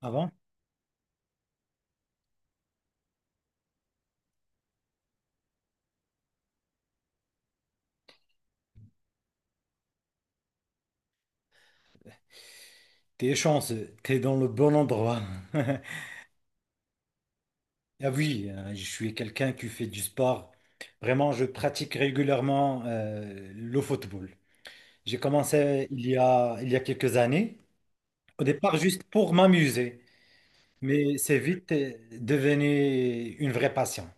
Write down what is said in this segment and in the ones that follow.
Ah bon? T'es chanceux, t'es dans le bon endroit. Ah oui, je suis quelqu'un qui fait du sport. Vraiment, je pratique régulièrement le football. J'ai commencé il y a quelques années, au départ juste pour m'amuser, mais c'est vite devenu une vraie passion.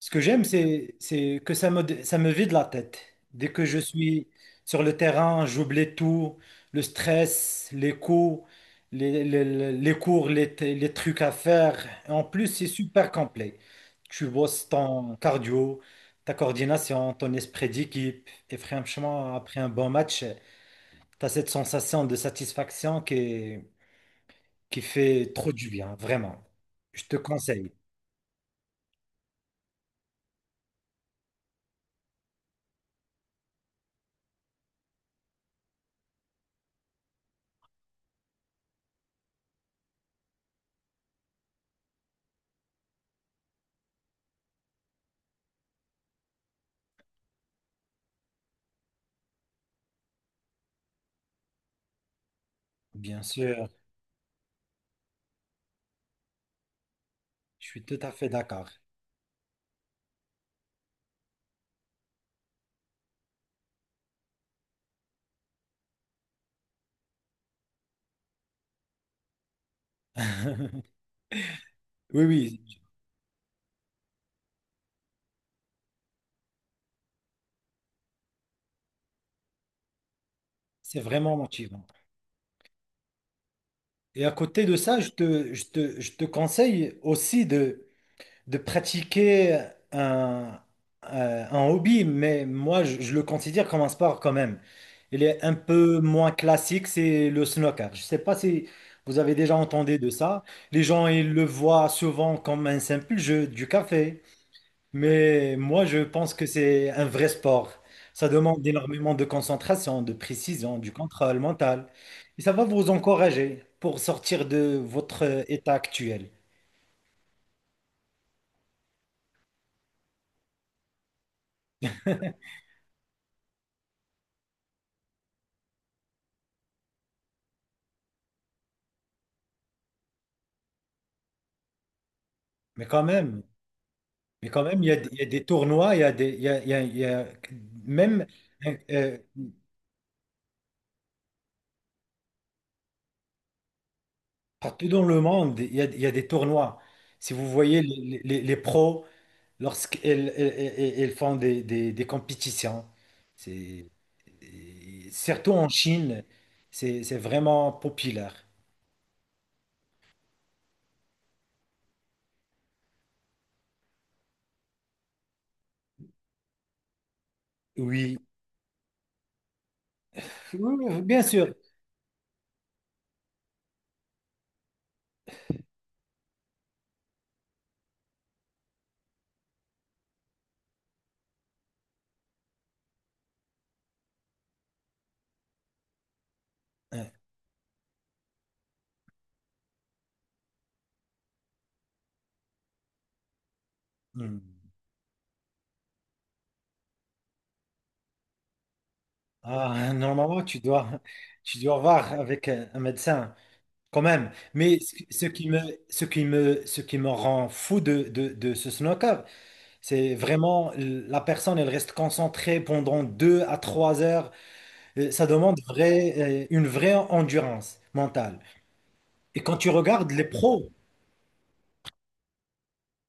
Ce que j'aime, c'est que ça me vide la tête. Dès que je suis sur le terrain, j'oublie tout, le stress, les coups, les cours, les trucs à faire. En plus, c'est super complet. Tu bosses ton cardio, ta coordination, ton esprit d'équipe. Et franchement, après un bon match, tu as cette sensation de satisfaction qui fait trop du bien, vraiment. Je te conseille. Bien sûr, je suis tout à fait d'accord. Oui, oui, c'est vraiment motivant. Et à côté de ça, je te conseille aussi de pratiquer un, un hobby, mais moi, je le considère comme un sport quand même. Il est un peu moins classique, c'est le snooker. Je ne sais pas si vous avez déjà entendu de ça. Les gens, ils le voient souvent comme un simple jeu du café. Mais moi, je pense que c'est un vrai sport. Ça demande énormément de concentration, de précision, du contrôle mental. Et ça va vous encourager pour sortir de votre état actuel. Mais quand même, mais quand même, il y a des tournois, il y a des, il y a- il y a- il y a- même euh, euh, partout dans le monde, il y a des tournois. Si vous voyez les pros. Lorsqu'elles font des compétitions, c'est, et surtout en Chine, c'est vraiment populaire. Oui, oui, bien sûr. Euh, hmm. Ah, normalement, tu dois voir avec un médecin quand même. Mais ce ce qui me, ce qui me, ce qui me rend fou de ce snooker, c'est vraiment la personne, elle reste concentrée pendant 2 à 3 heures. Ça demande une vraie endurance mentale. Et quand tu regardes les pros,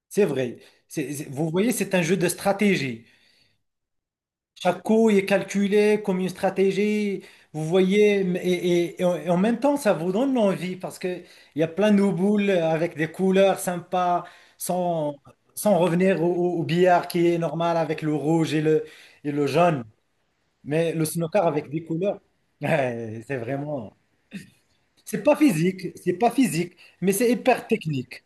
c'est vrai. Vous voyez, c'est un jeu de stratégie. Chaque coup est calculé comme une stratégie. Vous voyez, et en même temps, ça vous donne envie parce qu'il y a plein de boules avec des couleurs sympas, sans, sans revenir au billard qui est normal avec le rouge et et le jaune. Mais le snooker avec des couleurs, ouais, c'est vraiment. C'est pas physique, mais c'est hyper technique.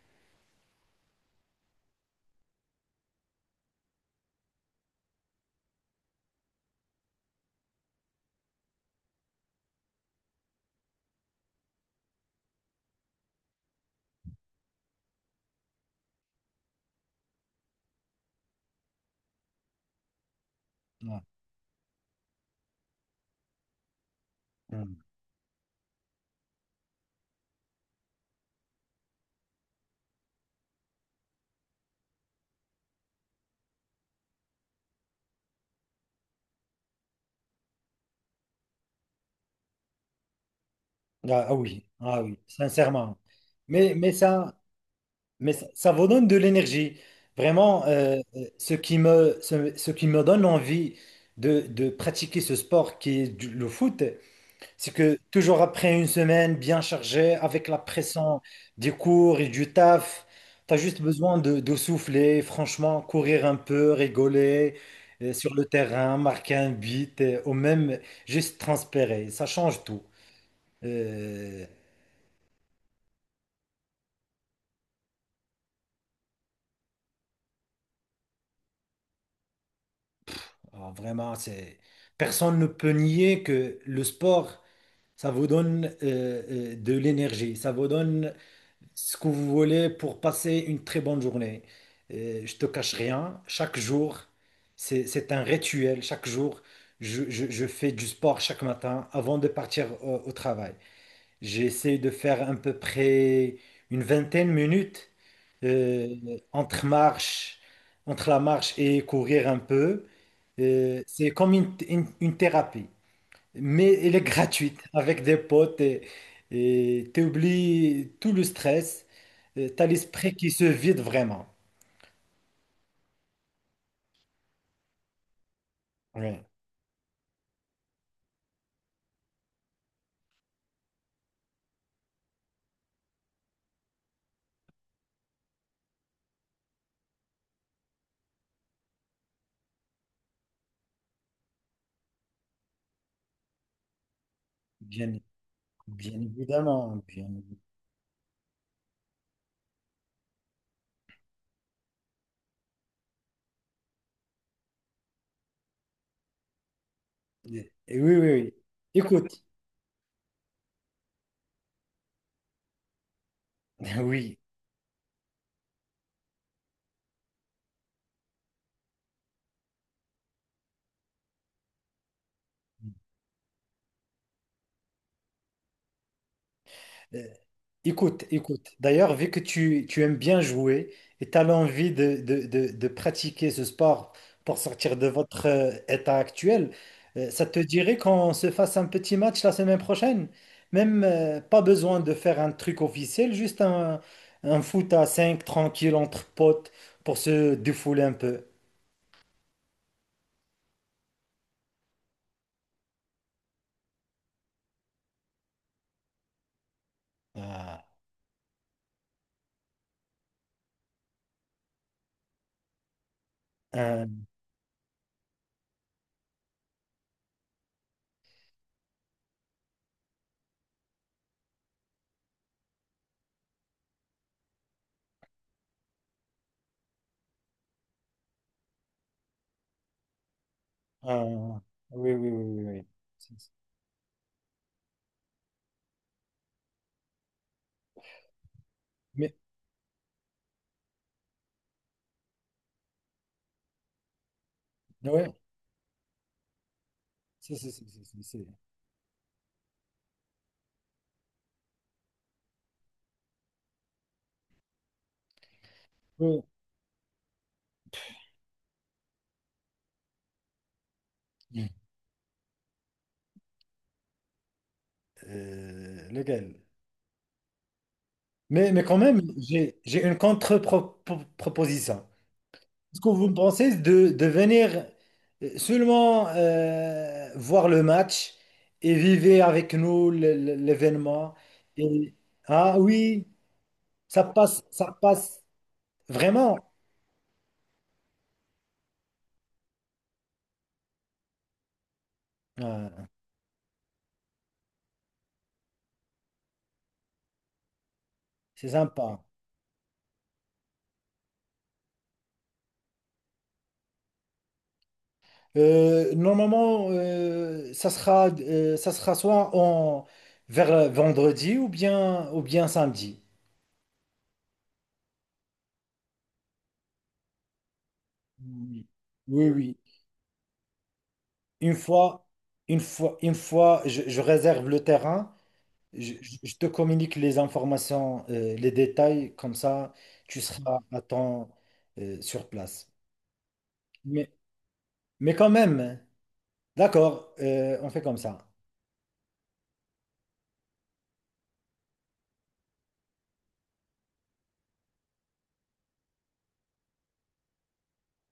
Ouais. Mm. Ah, ah oui, ah oui, sincèrement. Mais ça vous donne de l'énergie. Vraiment, ce qui me donne envie de pratiquer ce sport qui est le foot. C'est que toujours après une semaine bien chargée, avec la pression des cours et du taf, tu as juste besoin de souffler, franchement, courir un peu, rigoler sur le terrain, marquer un but, ou même juste transpirer. Ça change tout. Euh, alors vraiment, personne ne peut nier que le sport, ça vous donne de l'énergie, ça vous donne ce que vous voulez pour passer une très bonne journée. Je te cache rien, chaque jour, c'est un rituel. Chaque jour, je fais du sport chaque matin avant de partir au travail. J'essaie de faire à peu près une vingtaine de minutes euh, entre marche, entre la marche et courir un peu. C'est comme une thérapie. Mais elle est gratuite avec des potes et t'oublies tout le stress. T'as l'esprit qui se vide vraiment. Oui, bien, bien évidemment. Et oui, oui, oui. Écoute. Oui. Euh, Écoute, écoute. D'ailleurs, vu que tu aimes bien jouer et tu as l'envie de pratiquer ce sport pour sortir de votre état actuel. Ça te dirait qu'on se fasse un petit match la semaine prochaine? Même pas besoin de faire un truc officiel, juste un, foot à 5 tranquille entre potes pour se défouler un peu. Ah, un- un- oui, oui, oui, oui, oui. Mais, ouais, c'est, c'est, c'est, c'est- c'est- c'est- oui. Lequel? Mais quand même, j'ai une contre-proposition. Est-ce que vous pensez de venir seulement voir le match et vivre avec nous l'événement? Et, ah oui, ça passe vraiment. Ah, c'est sympa. Normalement, ça sera, soit vers vendredi ou bien, samedi. Oui, oui, oui. Une fois, une fois, je réserve le terrain, je te communique les informations, les détails, comme ça, tu seras à temps, sur place. Mais, mais quand même, d'accord, on fait comme ça.